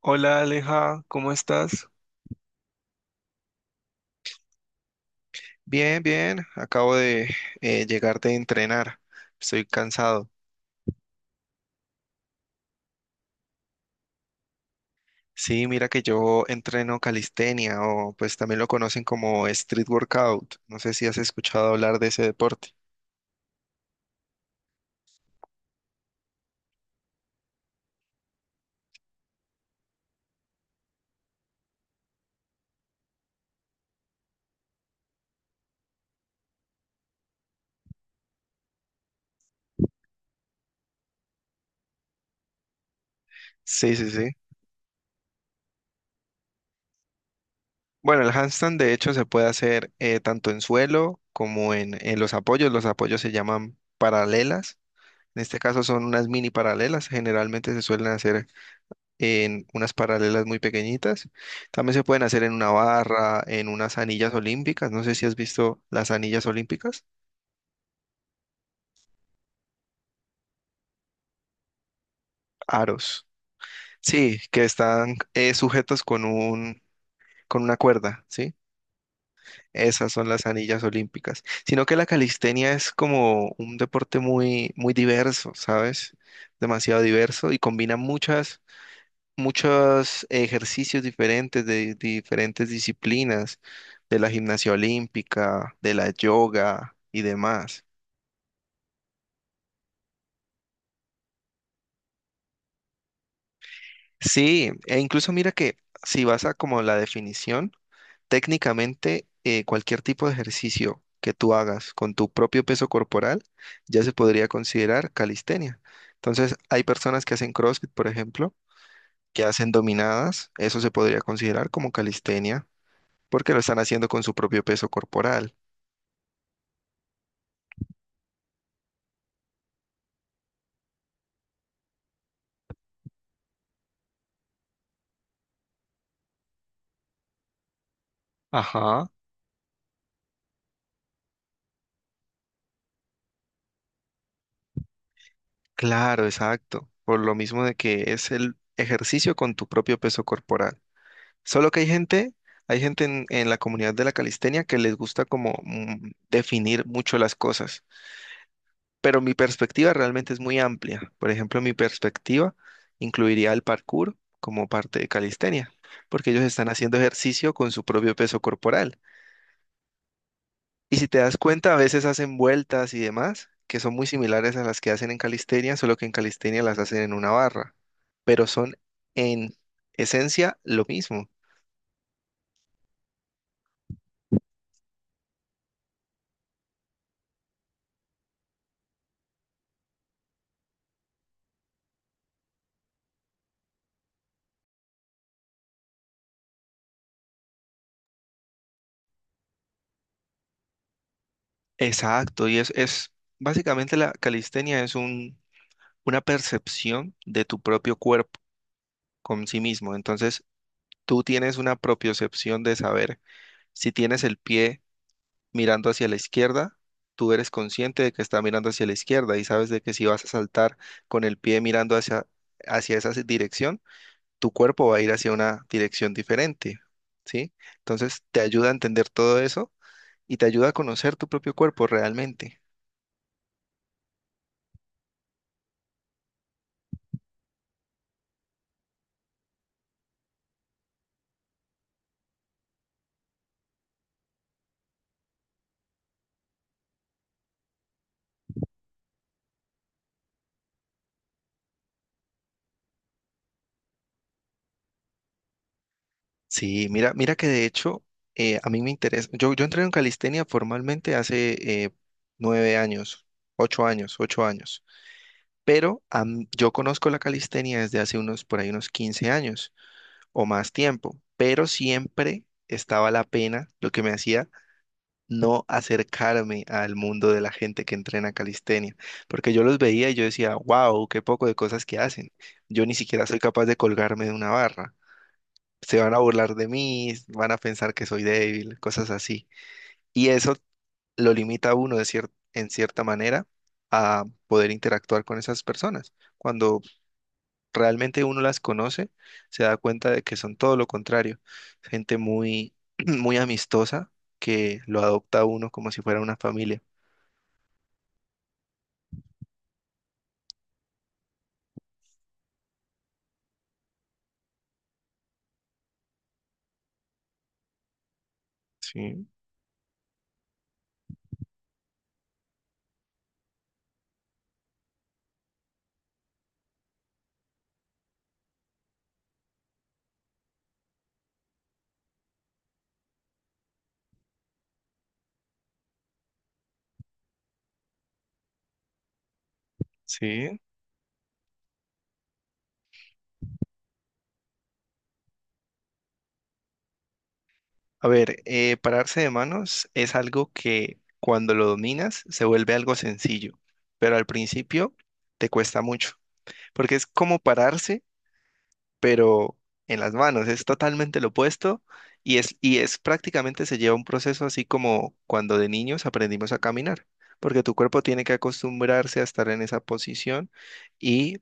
Hola Aleja, ¿cómo estás? Bien, bien, acabo de llegar de entrenar, estoy cansado. Sí, mira que yo entreno calistenia o pues también lo conocen como street workout, no sé si has escuchado hablar de ese deporte. Sí, sí, sí. Bueno, el handstand de hecho se puede hacer tanto en suelo como en los apoyos se llaman paralelas, en este caso son unas mini paralelas, generalmente se suelen hacer en unas paralelas muy pequeñitas. También se pueden hacer en una barra, en unas anillas olímpicas. No sé si has visto las anillas olímpicas. Aros. Sí, que están sujetos con con una cuerda, ¿sí? Esas son las anillas olímpicas. Sino que la calistenia es como un deporte muy, muy diverso, ¿sabes? Demasiado diverso y combina muchas muchos ejercicios diferentes de diferentes disciplinas, de la gimnasia olímpica, de la yoga y demás. Sí, e incluso mira que si vas a como la definición, técnicamente cualquier tipo de ejercicio que tú hagas con tu propio peso corporal ya se podría considerar calistenia. Entonces, hay personas que hacen CrossFit, por ejemplo, que hacen dominadas, eso se podría considerar como calistenia porque lo están haciendo con su propio peso corporal. Ajá, claro, exacto. Por lo mismo de que es el ejercicio con tu propio peso corporal. Solo que hay gente en la comunidad de la calistenia que les gusta como definir mucho las cosas. Pero mi perspectiva realmente es muy amplia. Por ejemplo, mi perspectiva incluiría el parkour como parte de calistenia, porque ellos están haciendo ejercicio con su propio peso corporal. Y si te das cuenta, a veces hacen vueltas y demás, que son muy similares a las que hacen en calistenia, solo que en calistenia las hacen en una barra, pero son en esencia lo mismo. Exacto, es básicamente la calistenia es un, una percepción de tu propio cuerpo con sí mismo. Entonces, tú tienes una propiocepción de saber si tienes el pie mirando hacia la izquierda, tú eres consciente de que está mirando hacia la izquierda y sabes de que si vas a saltar con el pie mirando hacia esa dirección, tu cuerpo va a ir hacia una dirección diferente, ¿sí? Entonces te ayuda a entender todo eso y te ayuda a conocer tu propio cuerpo realmente. Sí, mira, mira que de hecho a mí me interesa. Yo entré en calistenia formalmente hace 9 años, 8 años, 8 años. Pero yo conozco la calistenia desde hace unos, por ahí unos 15 años o más tiempo, pero siempre estaba la pena, lo que me hacía no acercarme al mundo de la gente que entrena calistenia, porque yo los veía y yo decía, wow, qué poco de cosas que hacen. Yo ni siquiera soy capaz de colgarme de una barra. Se van a burlar de mí, van a pensar que soy débil, cosas así. Y eso lo limita a uno de en cierta manera a poder interactuar con esas personas. Cuando realmente uno las conoce, se da cuenta de que son todo lo contrario. Gente muy, muy amistosa que lo adopta a uno como si fuera una familia. Sí, sí. A ver, pararse de manos es algo que cuando lo dominas se vuelve algo sencillo, pero al principio te cuesta mucho, porque es como pararse pero en las manos es totalmente lo opuesto y y es prácticamente se lleva un proceso así como cuando de niños aprendimos a caminar, porque tu cuerpo tiene que acostumbrarse a estar en esa posición y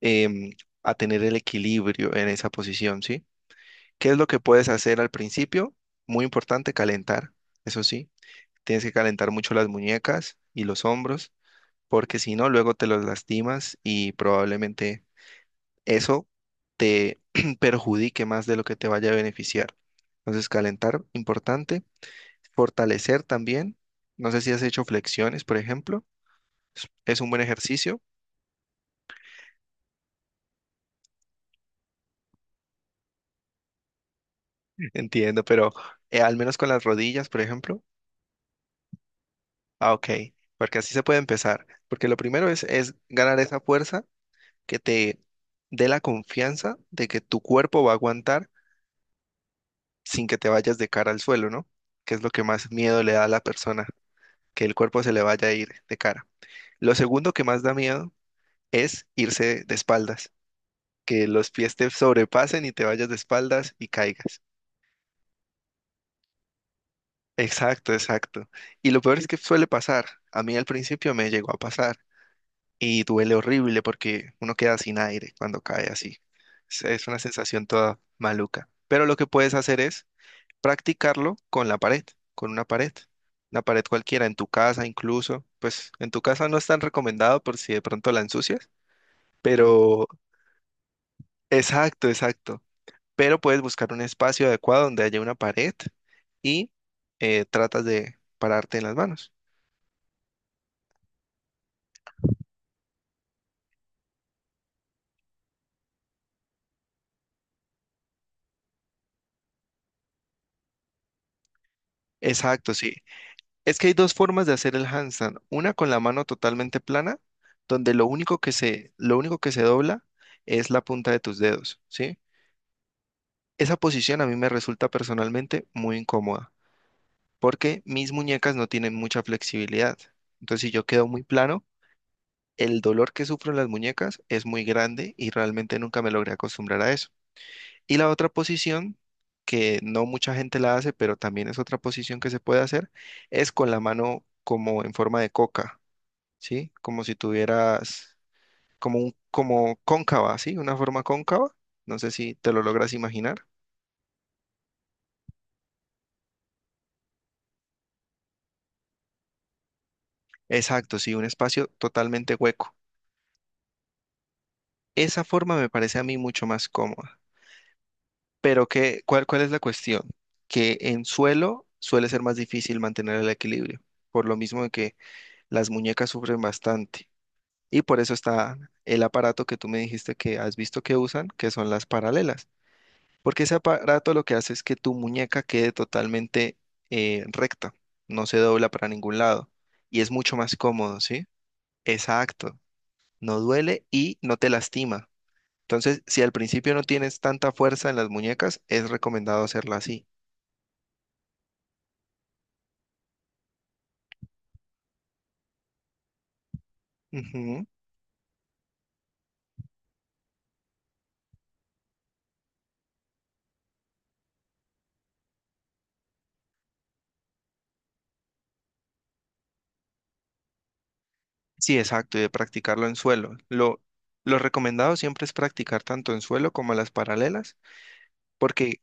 em, a tener el equilibrio en esa posición, ¿sí? ¿Qué es lo que puedes hacer al principio? Muy importante, calentar, eso sí, tienes que calentar mucho las muñecas y los hombros, porque si no, luego te los lastimas y probablemente eso te perjudique más de lo que te vaya a beneficiar. Entonces, calentar, importante. Fortalecer también. No sé si has hecho flexiones, por ejemplo. Es un buen ejercicio, entiendo, pero al menos con las rodillas, por ejemplo. Ah, ok, porque así se puede empezar. Porque lo primero es ganar esa fuerza que te dé la confianza de que tu cuerpo va a aguantar sin que te vayas de cara al suelo, ¿no? Que es lo que más miedo le da a la persona. Que el cuerpo se le vaya a ir de cara. Lo segundo que más da miedo es irse de espaldas, que los pies te sobrepasen y te vayas de espaldas y caigas. Exacto, exacto. Y lo peor es que suele pasar. A mí al principio me llegó a pasar y duele horrible porque uno queda sin aire cuando cae así. Es una sensación toda maluca. Pero lo que puedes hacer es practicarlo con la pared, con una pared cualquiera, en tu casa incluso. Pues en tu casa no es tan recomendado por si de pronto la ensucias. Pero, exacto, exacto. Pero puedes buscar un espacio adecuado donde haya una pared y tratas de pararte en las manos. Exacto, sí. Es que hay dos formas de hacer el handstand. Una con la mano totalmente plana, donde lo único que se dobla es la punta de tus dedos, ¿sí? Esa posición a mí me resulta personalmente muy incómoda, porque mis muñecas no tienen mucha flexibilidad. Entonces, si yo quedo muy plano, el dolor que sufro en las muñecas es muy grande y realmente nunca me logré acostumbrar a eso. Y la otra posición, que no mucha gente la hace, pero también es otra posición que se puede hacer, es con la mano como en forma de coca, ¿sí? Como si tuvieras como cóncava, ¿sí? Una forma cóncava. No sé si te lo logras imaginar. Exacto, sí, un espacio totalmente hueco. Esa forma me parece a mí mucho más cómoda. Pero que, ¿cuál es la cuestión? Que en suelo suele ser más difícil mantener el equilibrio, por lo mismo de que las muñecas sufren bastante. Y por eso está el aparato que tú me dijiste que has visto que usan, que son las paralelas. Porque ese aparato lo que hace es que tu muñeca quede totalmente recta, no se dobla para ningún lado. Y es mucho más cómodo, ¿sí? Exacto. No duele y no te lastima. Entonces, si al principio no tienes tanta fuerza en las muñecas, es recomendado hacerla así. Ujú. Sí, exacto, y de practicarlo en suelo. Lo recomendado siempre es practicar tanto en suelo como las paralelas, porque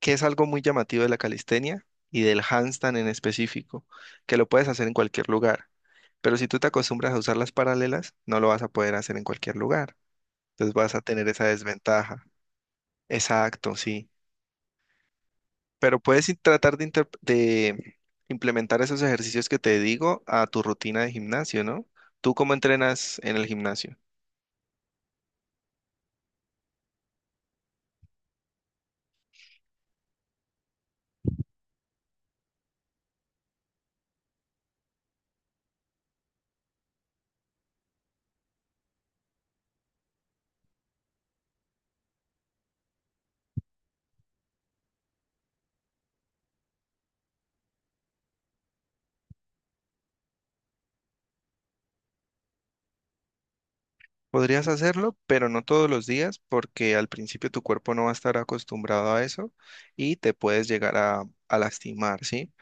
que es algo muy llamativo de la calistenia y del handstand en específico, que lo puedes hacer en cualquier lugar. Pero si tú te acostumbras a usar las paralelas, no lo vas a poder hacer en cualquier lugar. Entonces vas a tener esa desventaja. Exacto, sí. Pero puedes tratar de, implementar esos ejercicios que te digo a tu rutina de gimnasio, ¿no? ¿Tú cómo entrenas en el gimnasio? Podrías hacerlo, pero no todos los días, porque al principio tu cuerpo no va a estar acostumbrado a eso y te puedes llegar a lastimar, ¿sí?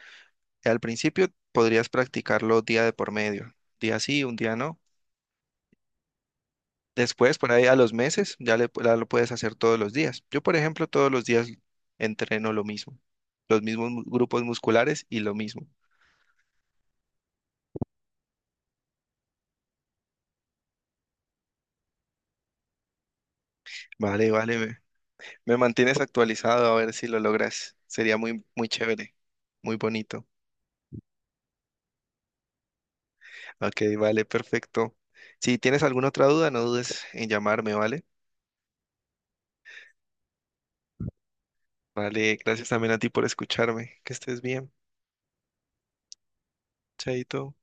Al principio podrías practicarlo día de por medio, día sí, un día no. Después, por ahí a los meses, ya lo puedes hacer todos los días. Yo, por ejemplo, todos los días entreno lo mismo, los mismos grupos musculares y lo mismo. Vale, me mantienes actualizado a ver si lo logras. Sería muy, muy chévere, muy bonito. Ok, vale, perfecto. Si tienes alguna otra duda, no dudes en llamarme, ¿vale? Vale, gracias también a ti por escucharme. Que estés bien. Chaito.